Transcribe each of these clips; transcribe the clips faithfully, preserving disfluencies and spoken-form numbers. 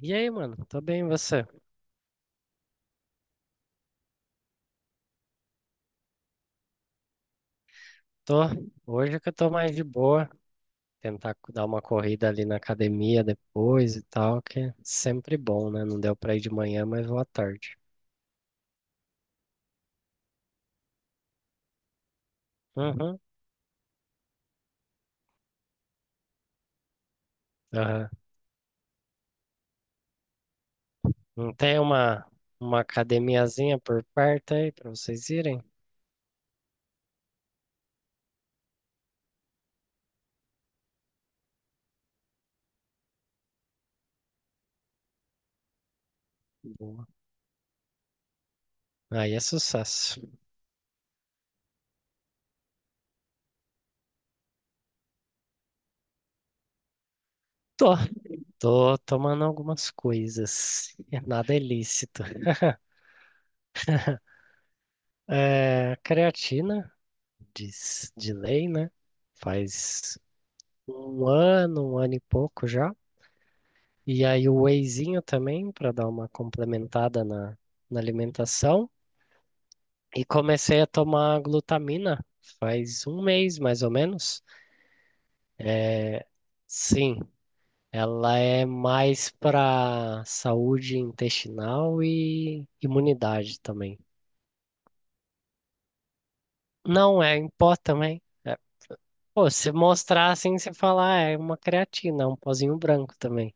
E aí, mano? Tô bem, e você? Tô. Hoje é que eu tô mais de boa. Tentar co- dar uma corrida ali na academia depois e tal, que é sempre bom, né? Não deu pra ir de manhã, mas vou à tarde. Uhum. Aham. Não tem uma, uma academiazinha por perto aí pra vocês irem? Boa. Aí é sucesso. Tô. Tô tomando algumas coisas. Nada é lícito. É, creatina, diz de lei, né? Faz um ano, um ano e pouco já. E aí o wheyzinho também, para dar uma complementada na, na alimentação. E comecei a tomar glutamina faz um mês, mais ou menos. É, sim, ela é mais para saúde intestinal e imunidade também. Não, é em pó também. É, pô, se mostrar assim, você falar, ah, é uma creatina, é um pozinho branco também.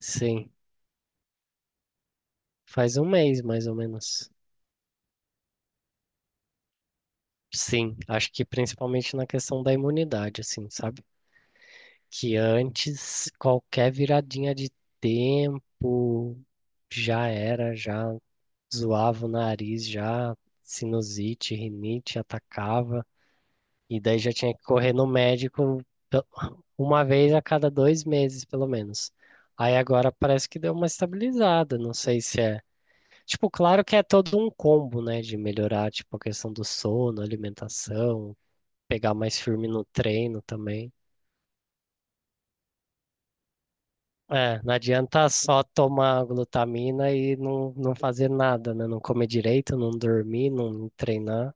Sim, faz um mês mais ou menos. Sim, acho que principalmente na questão da imunidade, assim, sabe? Que antes qualquer viradinha de tempo já era, já zoava o nariz, já sinusite, rinite atacava, e daí já tinha que correr no médico pe- uma vez a cada dois meses, pelo menos. Aí agora parece que deu uma estabilizada, não sei se é. Tipo, claro que é todo um combo, né, de melhorar, tipo, a questão do sono, alimentação, pegar mais firme no treino também. É, não adianta só tomar glutamina e não, não fazer nada, né? Não comer direito, não dormir, não treinar.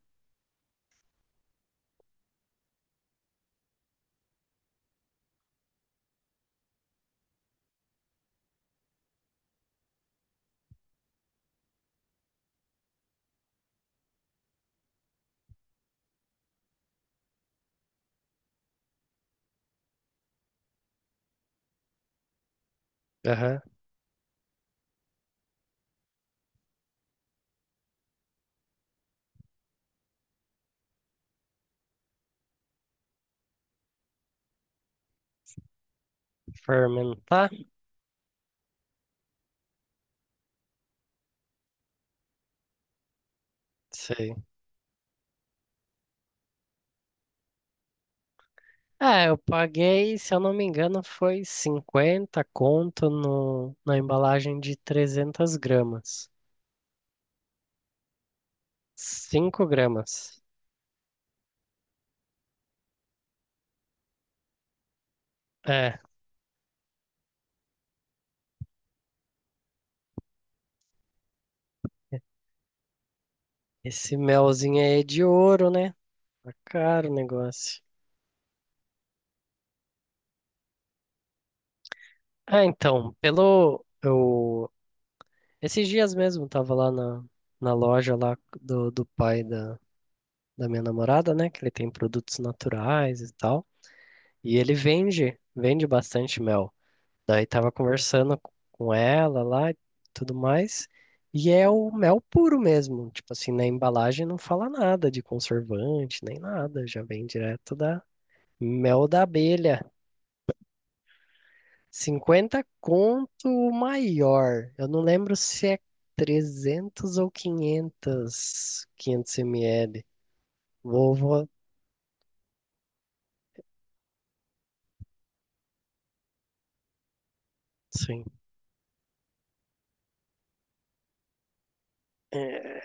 Aham. Fermentar? Sei. É, eu paguei, se eu não me engano, foi cinquenta conto no, na embalagem de trezentas gramas. Cinco gramas. É, esse melzinho aí é de ouro, né? Tá caro o negócio. Ah, então, pelo. Eu esses dias mesmo tava lá na, na loja lá do, do pai da, da minha namorada, né? Que ele tem produtos naturais e tal. E ele vende, vende bastante mel. Daí tava conversando com ela lá e tudo mais. E é o mel puro mesmo. Tipo assim, na embalagem não fala nada de conservante, nem nada. Já vem direto da mel da abelha. Cinquenta conto o maior. Eu não lembro se é trezentos ou quinhentos, quinhentos ml. Vou, vou, sim. É,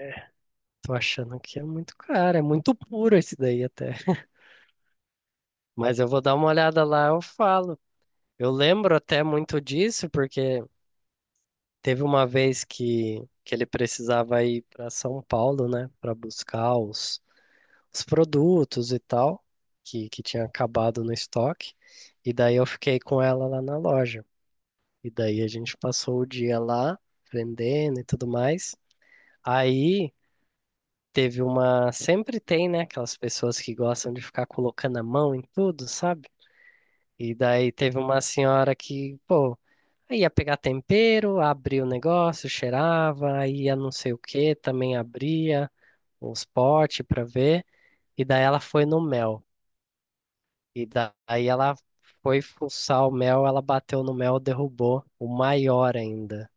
tô achando que é muito caro, é muito puro esse daí até. Mas eu vou dar uma olhada lá, eu falo. Eu lembro até muito disso, porque teve uma vez que, que ele precisava ir para São Paulo, né, para buscar os os produtos e tal, que, que tinha acabado no estoque. E daí eu fiquei com ela lá na loja. E daí a gente passou o dia lá vendendo e tudo mais. Aí teve uma. Sempre tem, né? Aquelas pessoas que gostam de ficar colocando a mão em tudo, sabe? E daí teve uma senhora que, pô, aí ia pegar tempero, abria o negócio, cheirava, aí ia não sei o que, também abria os potes pra ver. E daí ela foi no mel. E daí ela foi fuçar o mel, ela bateu no mel, derrubou o maior ainda.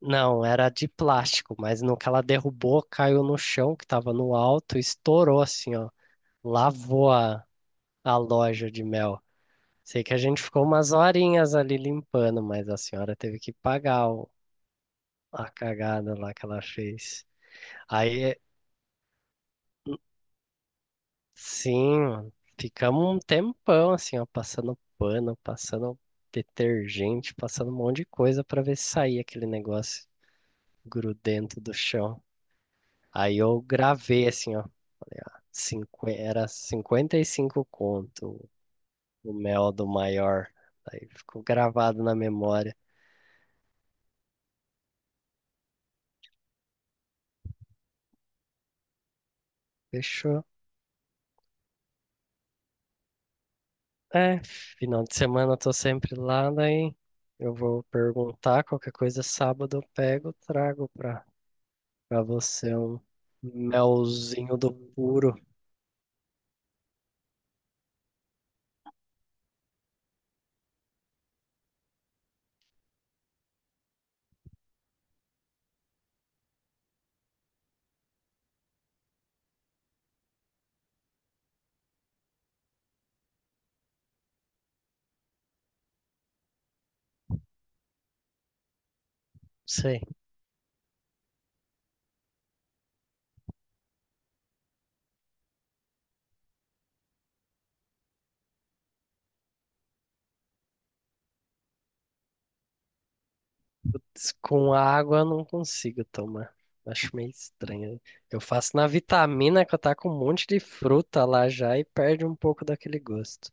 Não, era de plástico, mas no que ela derrubou, caiu no chão que tava no alto, estourou assim, ó. Lavou a, a loja de mel. Sei que a gente ficou umas horinhas ali limpando, mas a senhora teve que pagar o- a cagada lá que ela fez. Aí. Sim, mano. Ficamos um tempão assim, ó, passando pano, passando detergente, passando um monte de coisa pra ver se saía aquele negócio grudento do chão. Aí eu gravei assim, ó. Falei, ó, cinqu- era cinquenta e cinco conto o mel do maior. Aí ficou gravado na memória. Fechou. É, final de semana eu tô sempre lá, daí eu vou perguntar qualquer coisa sábado eu pego, trago pra pra você, um melzinho do puro. Sei. Com água eu não consigo tomar. Acho meio estranho. Eu faço na vitamina que eu tá com um monte de fruta lá já e perde um pouco daquele gosto.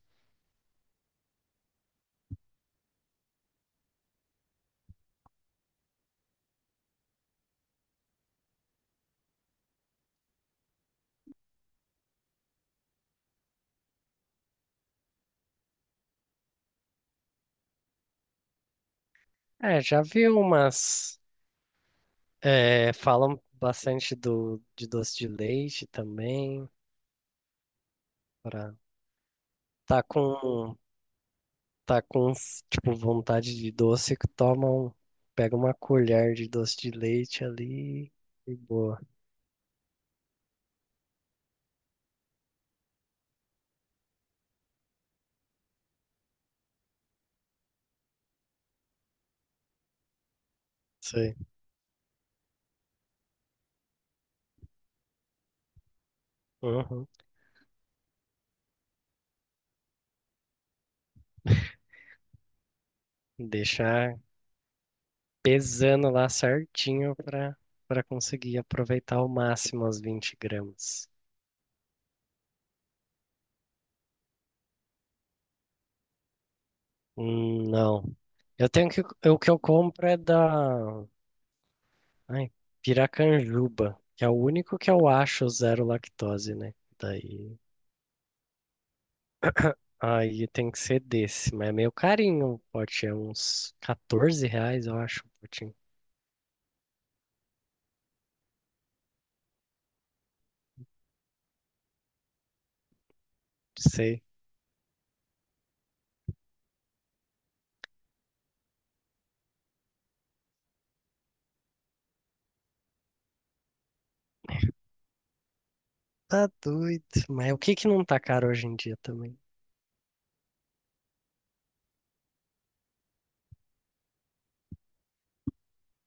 É, já vi umas. É, falam bastante do, de doce de leite também. Pra, tá com, tá com, tipo, vontade de doce que tomam, pega uma colher de doce de leite ali e boa. Sei. Uhum. Deixar pesando lá certinho para para conseguir aproveitar ao máximo as vinte gramas. Hum, não. Eu tenho que o que eu compro é da ai, Piracanjuba, que é o único que eu acho zero lactose, né? Daí aí tem que ser desse, mas é meio carinho o pote, é uns quatorze reais, eu acho, o potinho. Sei. Tá doido. Mas o que que não tá caro hoje em dia também?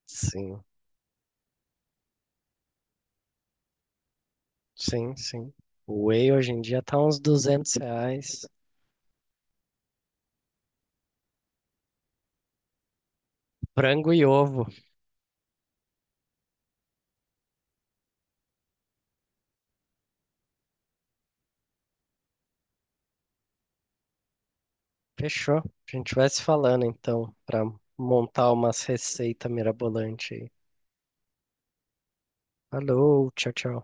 Sim. Sim, sim. O whey hoje em dia tá uns duzentos reais. Frango e ovo. Fechou. A gente vai se falando então, pra montar umas receitas mirabolantes aí. Falou, tchau, tchau.